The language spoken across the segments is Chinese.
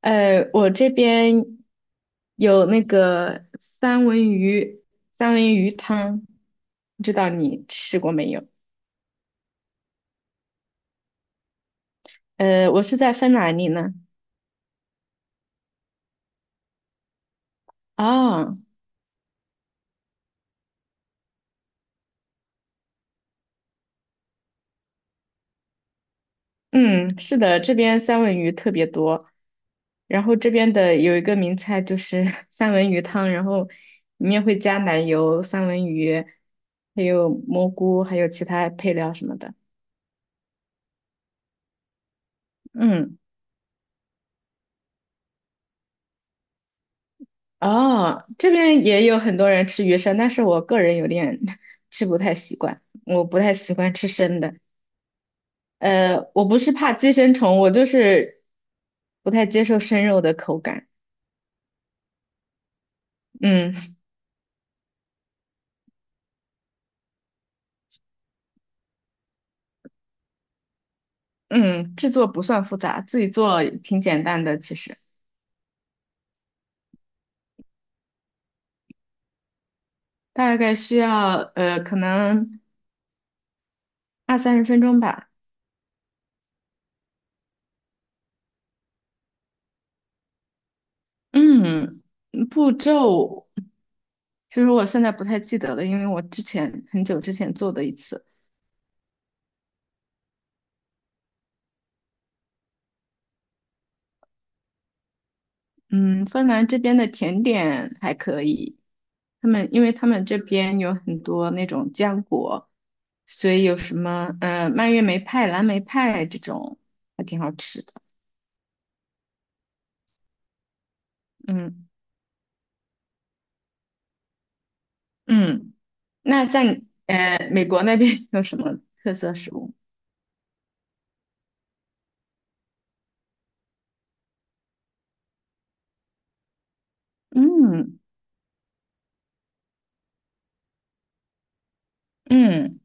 我这边有那个三文鱼，三文鱼汤，不知道你吃过没有？我是在芬兰，你呢？啊，嗯，是的，这边三文鱼特别多，然后这边的有一个名菜就是 三文鱼汤，然后里面会加奶油、三文鱼，还有蘑菇，还有其他配料什么的。嗯。哦，这边也有很多人吃鱼生，但是我个人有点 吃不太习惯，我不太习惯吃生的。我不是怕寄生虫，我就是不太接受生肉的口感。嗯嗯,制作不算复杂，自己做挺简单的，其实大概需要可能二三十分钟吧。嗯，步骤其实我现在不太记得了，因为我很久之前做的一次。嗯，芬兰这边的甜点还可以，因为他们这边有很多那种浆果，所以有什么蔓越莓派、蓝莓派这种还挺好吃的。嗯嗯,那像你美国那边 有什么特色食物？嗯，嗯，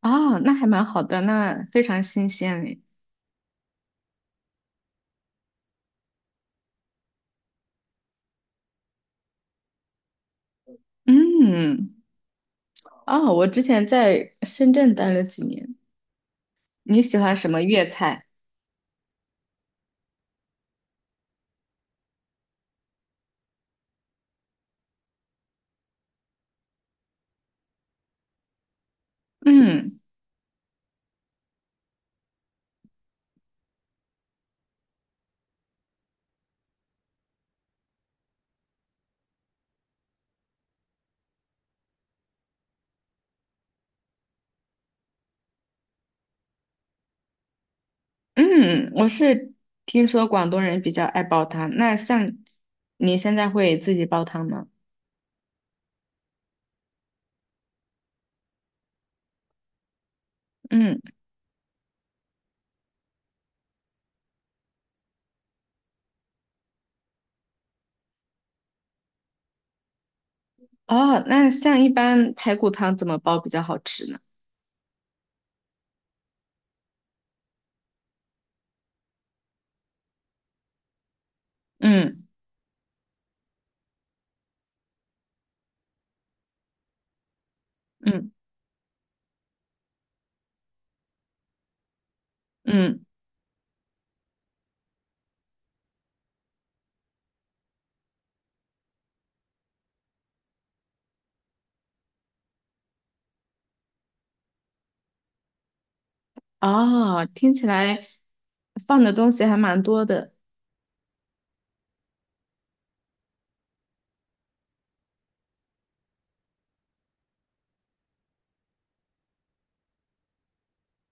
哦，那还蛮好的，那非常新鲜诶。嗯，哦，我之前在深圳待了几年。你喜欢什么粤菜？嗯。嗯，我是听说广东人比较爱煲汤，那像你现在会自己煲汤吗？嗯，哦，那像一般排骨汤怎么煲比较好吃呢？嗯嗯嗯,哦，听起来放的东西还蛮多的。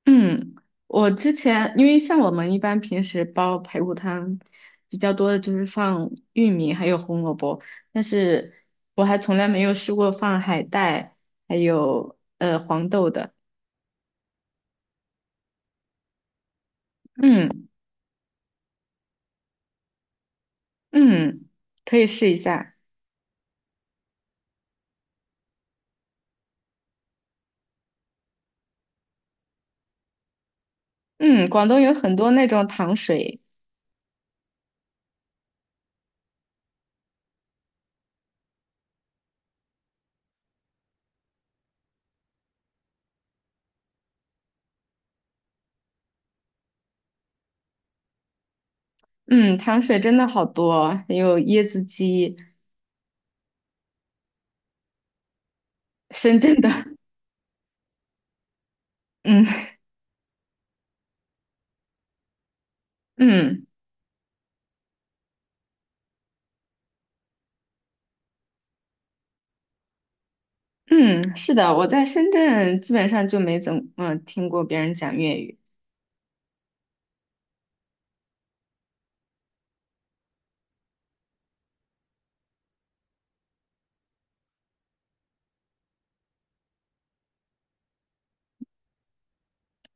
嗯，我之前因为像我们一般平时煲排骨汤比较多的就是放玉米还有红萝卜，但是我还从来没有试过放海带还有黄豆的。嗯嗯,可以试一下。嗯，广东有很多那种糖水，嗯，糖水真的好多，还有椰子鸡，深圳的。嗯嗯嗯,是的，我在深圳基本上就没怎么听过别人讲粤语。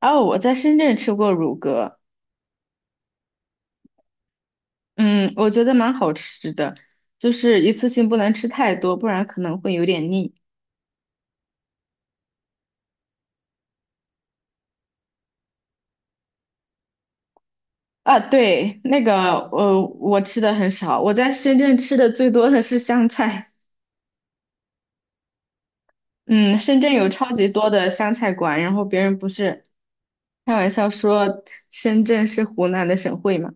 哦，我在深圳吃过乳鸽，嗯，我觉得蛮好吃的，就是一次性不能吃太多，不然可能会有点腻。啊，对，那个，我吃的很少，我在深圳吃的最多的是香菜。嗯，深圳有超级多的湘菜馆，然后别人不是开玩笑说深圳是湖南的省会嘛？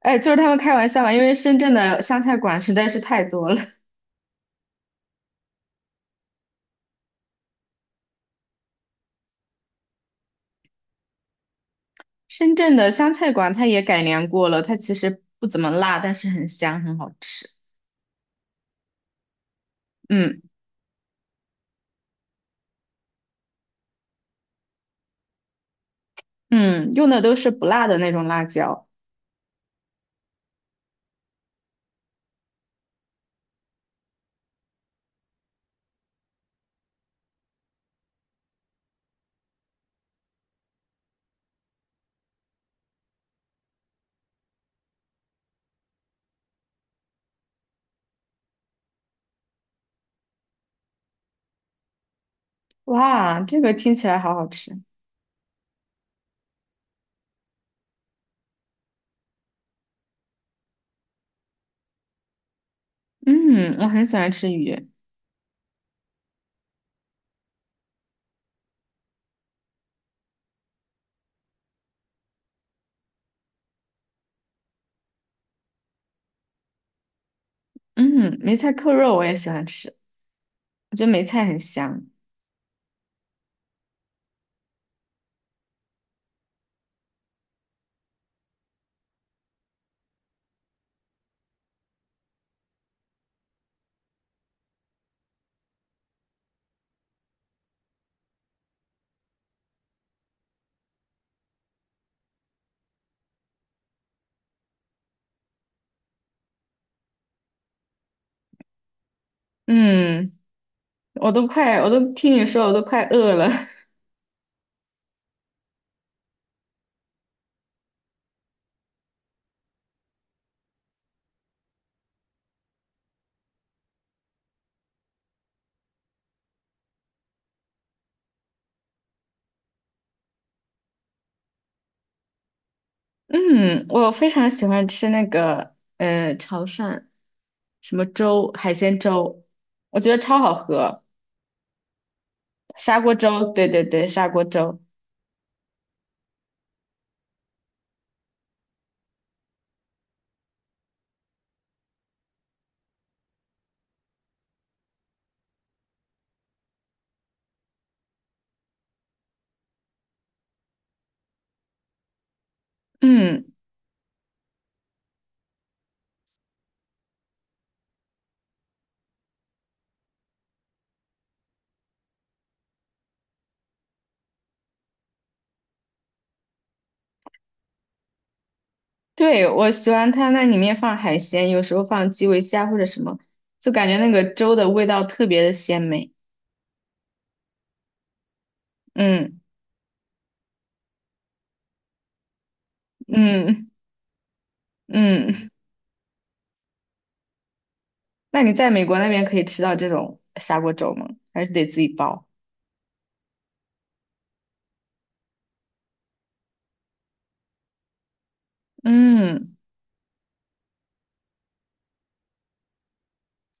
哎，就是他们开玩笑嘛，因为深圳的湘菜馆实在是太多了。深圳的湘菜馆它也改良过了，它其实不怎么辣，但是很香，很好吃。嗯，嗯，用的都是不辣的那种辣椒。哇，这个听起来好好吃。嗯，我很喜欢吃鱼。嗯，梅菜扣肉我也喜欢吃，我觉得梅菜很香。嗯。我都听你说，我都快饿了。嗯，我非常喜欢吃那个潮汕什么粥，海鲜粥，我觉得超好喝。砂锅粥，对对对，砂锅粥。嗯，对，我喜欢它那里面放海鲜，有时候放基围虾或者什么，就感觉那个粥的味道特别的鲜美。嗯嗯嗯,那你在美国那边可以吃到这种砂锅粥吗？还是得自己煲？嗯，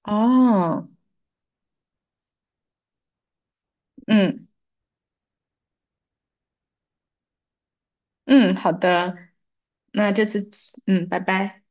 哦，嗯。嗯，好的，那这次，嗯，拜拜。